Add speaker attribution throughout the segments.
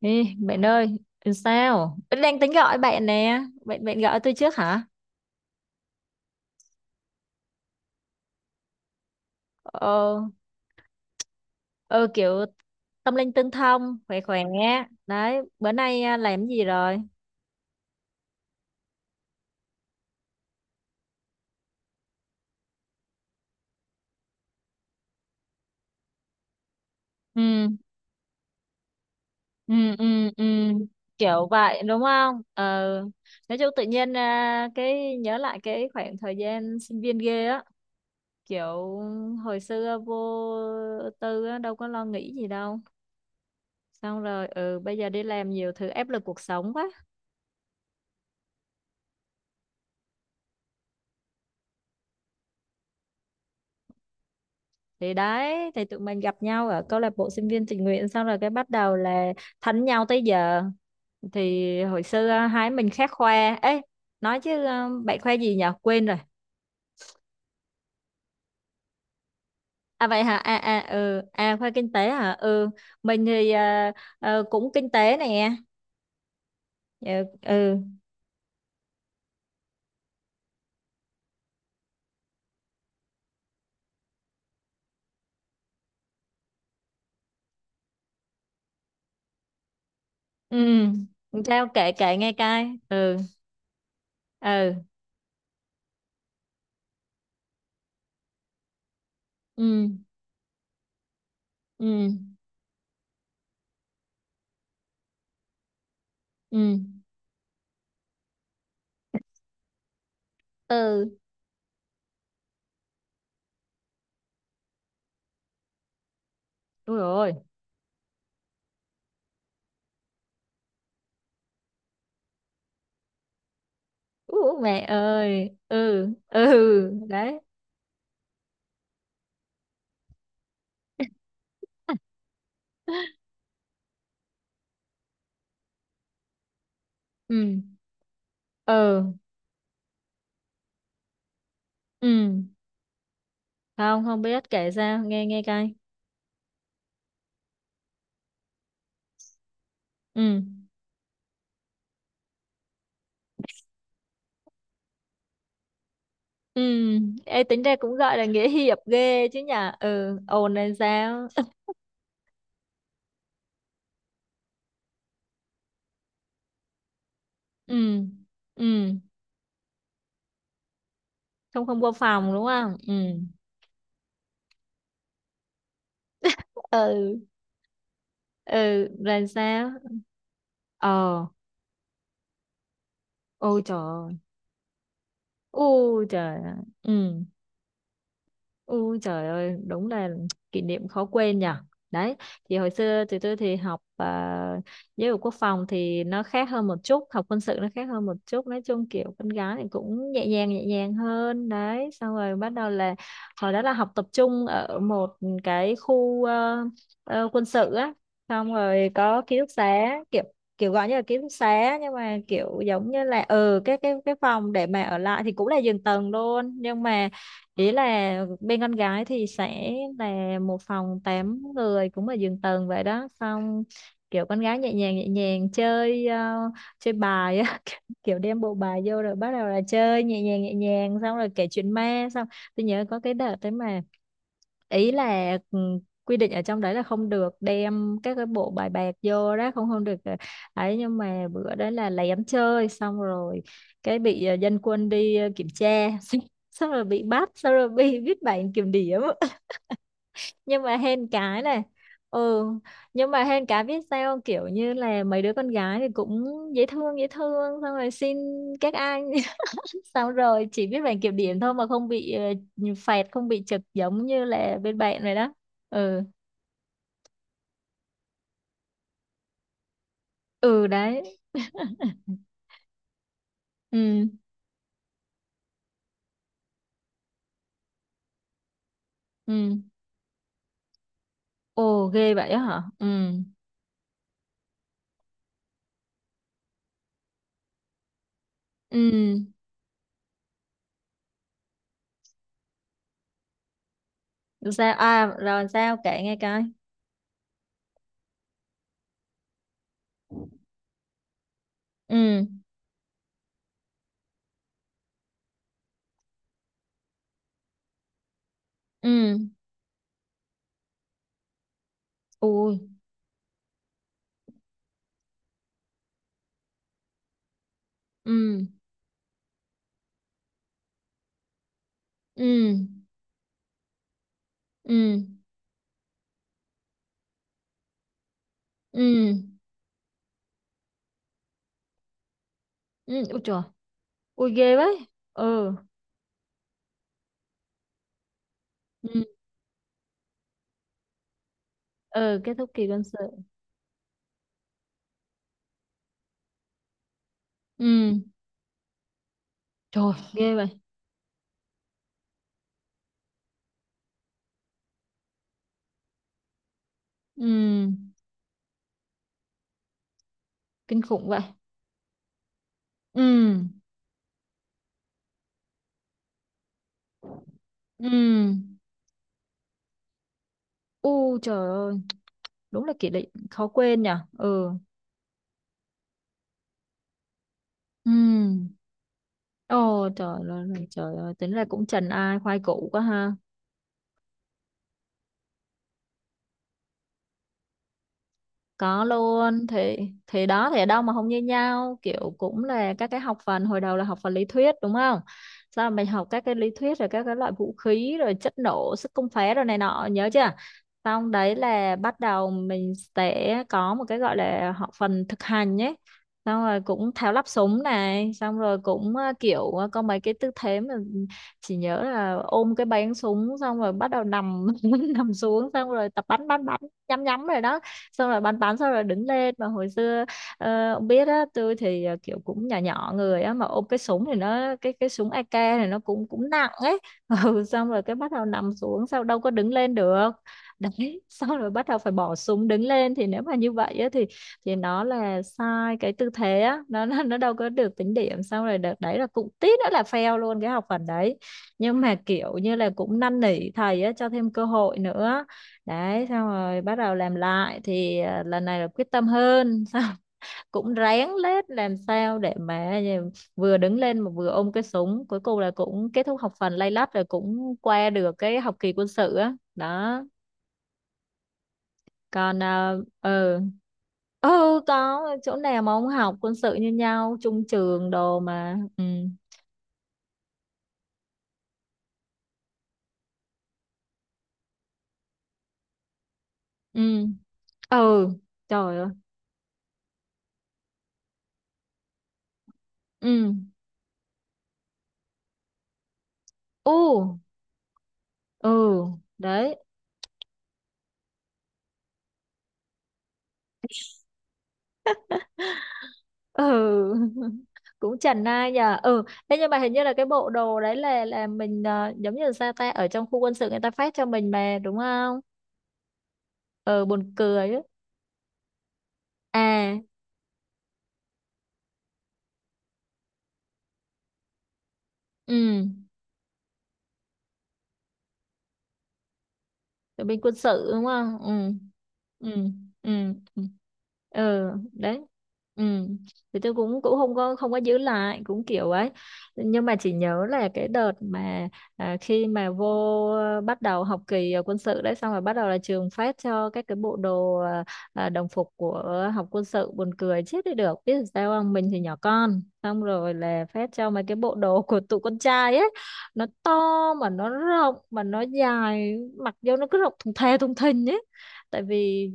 Speaker 1: Ê, bạn ơi, sao? Vẫn đang tính gọi bạn nè. Bạn bạn gọi tôi trước hả? Ờ, ờ kiểu tâm linh tương thông, khỏe khỏe. Đấy, bữa nay làm cái gì rồi? Ừ, ừ, ừ, ừ. Kiểu vậy đúng không? Ờ, nói chung tự nhiên cái nhớ lại cái khoảng thời gian sinh viên ghê á, kiểu hồi xưa vô tư á, đâu có lo nghĩ gì đâu. Xong rồi bây giờ đi làm nhiều thứ áp lực cuộc sống quá. Thì đấy, thì tụi mình gặp nhau ở câu lạc bộ sinh viên tình nguyện, xong rồi cái bắt đầu là thánh nhau tới giờ. Thì hồi xưa hai mình khác khoa ấy, nói chứ bạn khoa gì nhỉ, quên rồi. À, vậy hả? À, à, ừ, à khoa kinh tế hả. Ừ, mình thì cũng kinh tế nè. Ừ, ừ, ừ, sao kể kể nghe coi. Ừ, ừ, ừ, ừ, ừ, ừ, đúng rồi. Ú, mẹ ơi, ừ, ừ, đấy. Ừ, ừ, ừ, không không biết, kể sao nghe, nghe coi. Ừ, ừ, ê tính ra cũng gọi là nghĩa hiệp ghê chứ nhở. Ừ, ồn lên sao. Ừ, ừ, không không vô phòng đúng không. Ừ, ừ, ừ, là sao. Ờ, ôi trời ơi. Ôi trời ơi. Ừ. Ui trời ơi, đúng là kỷ niệm khó quên nhỉ. Đấy, thì hồi xưa tụi tôi thì học giáo dục quốc phòng thì nó khác hơn một chút, học quân sự nó khác hơn một chút. Nói chung kiểu con gái thì cũng nhẹ nhàng hơn. Đấy, xong rồi bắt đầu là hồi đó là học tập trung ở một cái khu quân sự á. Xong rồi có ký túc xá kiểu kiểu gọi như là ký túc xá nhưng mà kiểu giống như là cái phòng để mà ở lại thì cũng là giường tầng luôn. Nhưng mà ý là bên con gái thì sẽ là một phòng 8 người cũng ở giường tầng vậy đó. Xong kiểu con gái nhẹ nhàng chơi, chơi bài á. Kiểu đem bộ bài vô rồi bắt đầu là chơi nhẹ nhàng nhẹ nhàng, xong rồi kể chuyện ma. Xong tôi nhớ có cái đợt đấy mà ý là quy định ở trong đấy là không được đem các cái bộ bài bạc vô đó, không không được ấy. Nhưng mà bữa đấy là lén chơi, xong rồi cái bị dân quân đi kiểm tra. Xong, xong rồi bị bắt, xong rồi bị viết bản kiểm điểm. Nhưng mà hên cái này. Ừ, nhưng mà hên cái biết sao không? Kiểu như là mấy đứa con gái thì cũng dễ thương dễ thương, xong rồi xin các anh, xong rồi chỉ biết bảng kiểm điểm thôi mà không bị phạt, không bị trực giống như là bên bạn rồi đó. Ừ, ừ, đấy. Ừ, ừ, ồ ghê vậy á hả. Ừ, ừ, sao à, rồi sao kể nghe coi. Ừ, ừ, ui, ừ, ừ, ừ, ừ, ừ, ui trời, ui ghê vậy. Ừ, ừ, ừ, kết thúc kỳ quân sự. Ừ, trời, ghê vậy. Ừ, kinh khủng vậy. Ừ, ừ, U trời ơi, đúng là kỷ lị khó quên nhỉ. Ừ. Ừ. Ồ trời ơi, tính là cũng trần ai khoai củ quá ha. Có luôn thì đó thì ở đâu mà không như nhau, kiểu cũng là các cái học phần hồi đầu là học phần lý thuyết đúng không. Sau mình học các cái lý thuyết rồi các cái loại vũ khí rồi chất nổ sức công phá rồi này nọ nhớ chưa. Xong đấy là bắt đầu mình sẽ có một cái gọi là học phần thực hành nhé. Xong rồi cũng tháo lắp súng này, xong rồi cũng kiểu có mấy cái tư thế mà chỉ nhớ là ôm cái báng súng, xong rồi bắt đầu nằm nằm xuống, xong rồi tập bắn bắn bắn, nhắm nhắm rồi đó. Xong rồi bàn tán, xong rồi đứng lên. Mà hồi xưa ông biết á, tôi thì kiểu cũng nhỏ nhỏ người á, mà ôm cái súng thì nó cái súng AK này nó cũng cũng nặng ấy. Ừ, xong rồi cái bắt đầu nằm xuống sao đâu có đứng lên được. Đấy, xong rồi bắt đầu phải bỏ súng đứng lên thì nếu mà như vậy á thì nó là sai cái tư thế á, nó đâu có được tính điểm. Xong rồi đợt đấy là cũng tí nữa là fail luôn cái học phần đấy, nhưng mà kiểu như là cũng năn nỉ thầy á cho thêm cơ hội nữa. Đấy, xong rồi bắt đầu làm lại thì lần này là quyết tâm hơn. Xong cũng ráng lết làm sao để mà vừa đứng lên mà vừa ôm cái súng, cuối cùng là cũng kết thúc học phần lay lắt, rồi cũng qua được cái học kỳ quân sự á đó. Còn ờ, ừ, ừ, có chỗ nào mà ông học quân sự như nhau chung trường đồ mà. Ừ, ừ, ừ, trời ơi, ừ, u, ừ, đấy, ừ. Cũng chần ai nhờ. Ừ, thế nhưng mà hình như là cái bộ đồ đấy là mình giống như là sao ta ở trong khu quân sự người ta phát cho mình mà đúng không. Ừ, buồn cười á. À, ừ, rồi bên quân sự đúng không? Ừ. Ừ. Ừ. Ừ. Ừ, đấy, ừ, thì tôi cũng cũng không có không có giữ lại cũng kiểu ấy. Nhưng mà chỉ nhớ là cái đợt mà khi mà vô bắt đầu học kỳ ở quân sự đấy, xong rồi bắt đầu là trường phát cho các cái bộ đồ đồng phục của học quân sự, buồn cười chết đi được biết sao không. Mình thì nhỏ con, xong rồi là phát cho mấy cái bộ đồ của tụi con trai ấy, nó to mà nó rộng mà nó dài, mặc vô nó cứ rộng thùng thè thùng thình ấy. Tại vì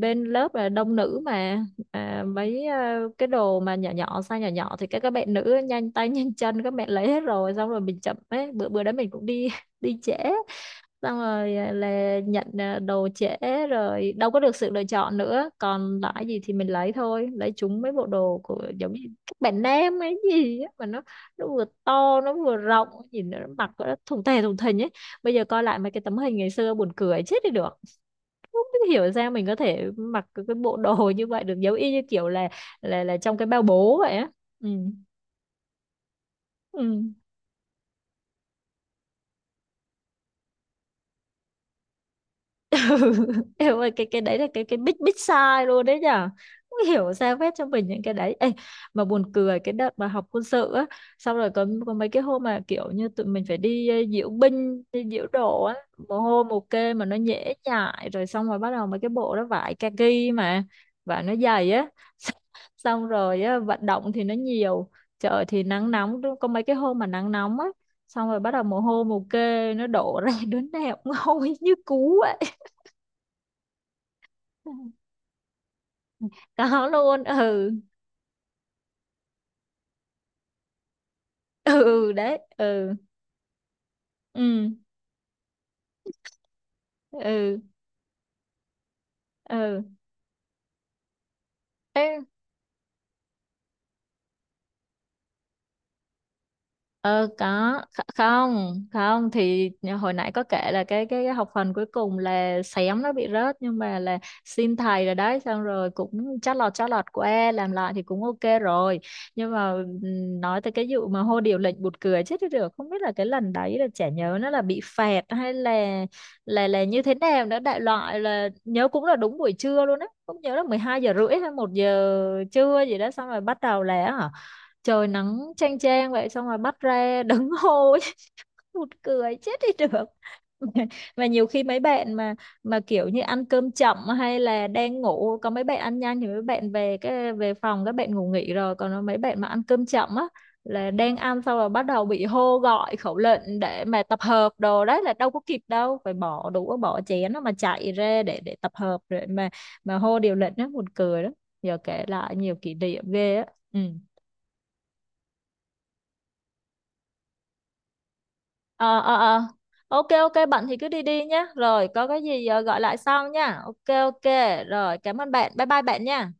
Speaker 1: bên lớp là đông nữ mà, mấy cái đồ mà nhỏ nhỏ size nhỏ nhỏ thì các bạn nữ nhanh tay nhanh chân các bạn lấy hết rồi. Xong rồi mình chậm ấy, bữa bữa đó mình cũng đi đi trễ, xong rồi là nhận đồ trễ, rồi đâu có được sự lựa chọn nữa, còn lại gì thì mình lấy thôi, lấy chúng mấy bộ đồ của giống như các bạn nam ấy gì á, mà nó vừa to nó vừa rộng, nhìn nó mặc nó thùng tè thùng thình ấy. Bây giờ coi lại mấy cái tấm hình ngày xưa buồn cười chết đi được, không biết hiểu sao mình có thể mặc cái bộ đồ như vậy được, giống y như kiểu là trong cái bao bố vậy á. Ừ, ừ. Em ơi cái đấy là cái big big sai luôn đấy nhở, không hiểu sao phép cho mình những cái đấy. Ê, mà buồn cười cái đợt mà học quân sự á, xong rồi có mấy cái hôm mà kiểu như tụi mình phải đi diễu binh đi diễu độ á, mồ hôi mồ kê mà nó nhễ nhại rồi. Xong rồi bắt đầu mấy cái bộ đó vải kaki mà và nó dày á. Xong rồi á, vận động thì nó nhiều, trời thì nắng nóng, có mấy cái hôm mà nắng nóng á, xong rồi bắt đầu mồ hôi mồ kê nó đổ ra đứa nào cũng hôi như cú ấy. Có luôn, ừ, ừ, đấy, ừ, ừ, ừ, ừ, Ê, ờ có không không thì hồi nãy có kể là cái học phần cuối cùng là xém nó bị rớt, nhưng mà là xin thầy rồi đấy, xong rồi cũng chót lọt qua làm lại thì cũng ok rồi. Nhưng mà nói tới cái vụ mà hô điều lệnh bụt cười chết đi được, không biết là cái lần đấy là chả nhớ nó là bị phạt hay là như thế nào nữa. Đại loại là nhớ cũng là đúng buổi trưa luôn á, cũng nhớ là 12 giờ rưỡi hay 1 giờ trưa gì đó, xong rồi bắt đầu là hả trời nắng chang chang vậy, xong rồi bắt ra đứng hô. Một cười chết đi được. Và nhiều khi mấy bạn mà kiểu như ăn cơm chậm hay là đang ngủ, có mấy bạn ăn nhanh thì mấy bạn về cái về phòng các bạn ngủ nghỉ rồi, còn mấy bạn mà ăn cơm chậm á là đang ăn, xong rồi bắt đầu bị hô gọi khẩu lệnh để mà tập hợp đồ, đấy là đâu có kịp đâu, phải bỏ đũa bỏ chén nó mà chạy ra để tập hợp rồi mà hô điều lệnh đó buồn cười lắm. Giờ kể lại nhiều kỷ niệm ghê á. Ừ, ờ, ờ, ờ, ok ok, bận thì cứ đi đi nhé, rồi có cái gì gọi lại sau nha, ok ok, rồi cảm ơn bạn, bye bye bạn nha.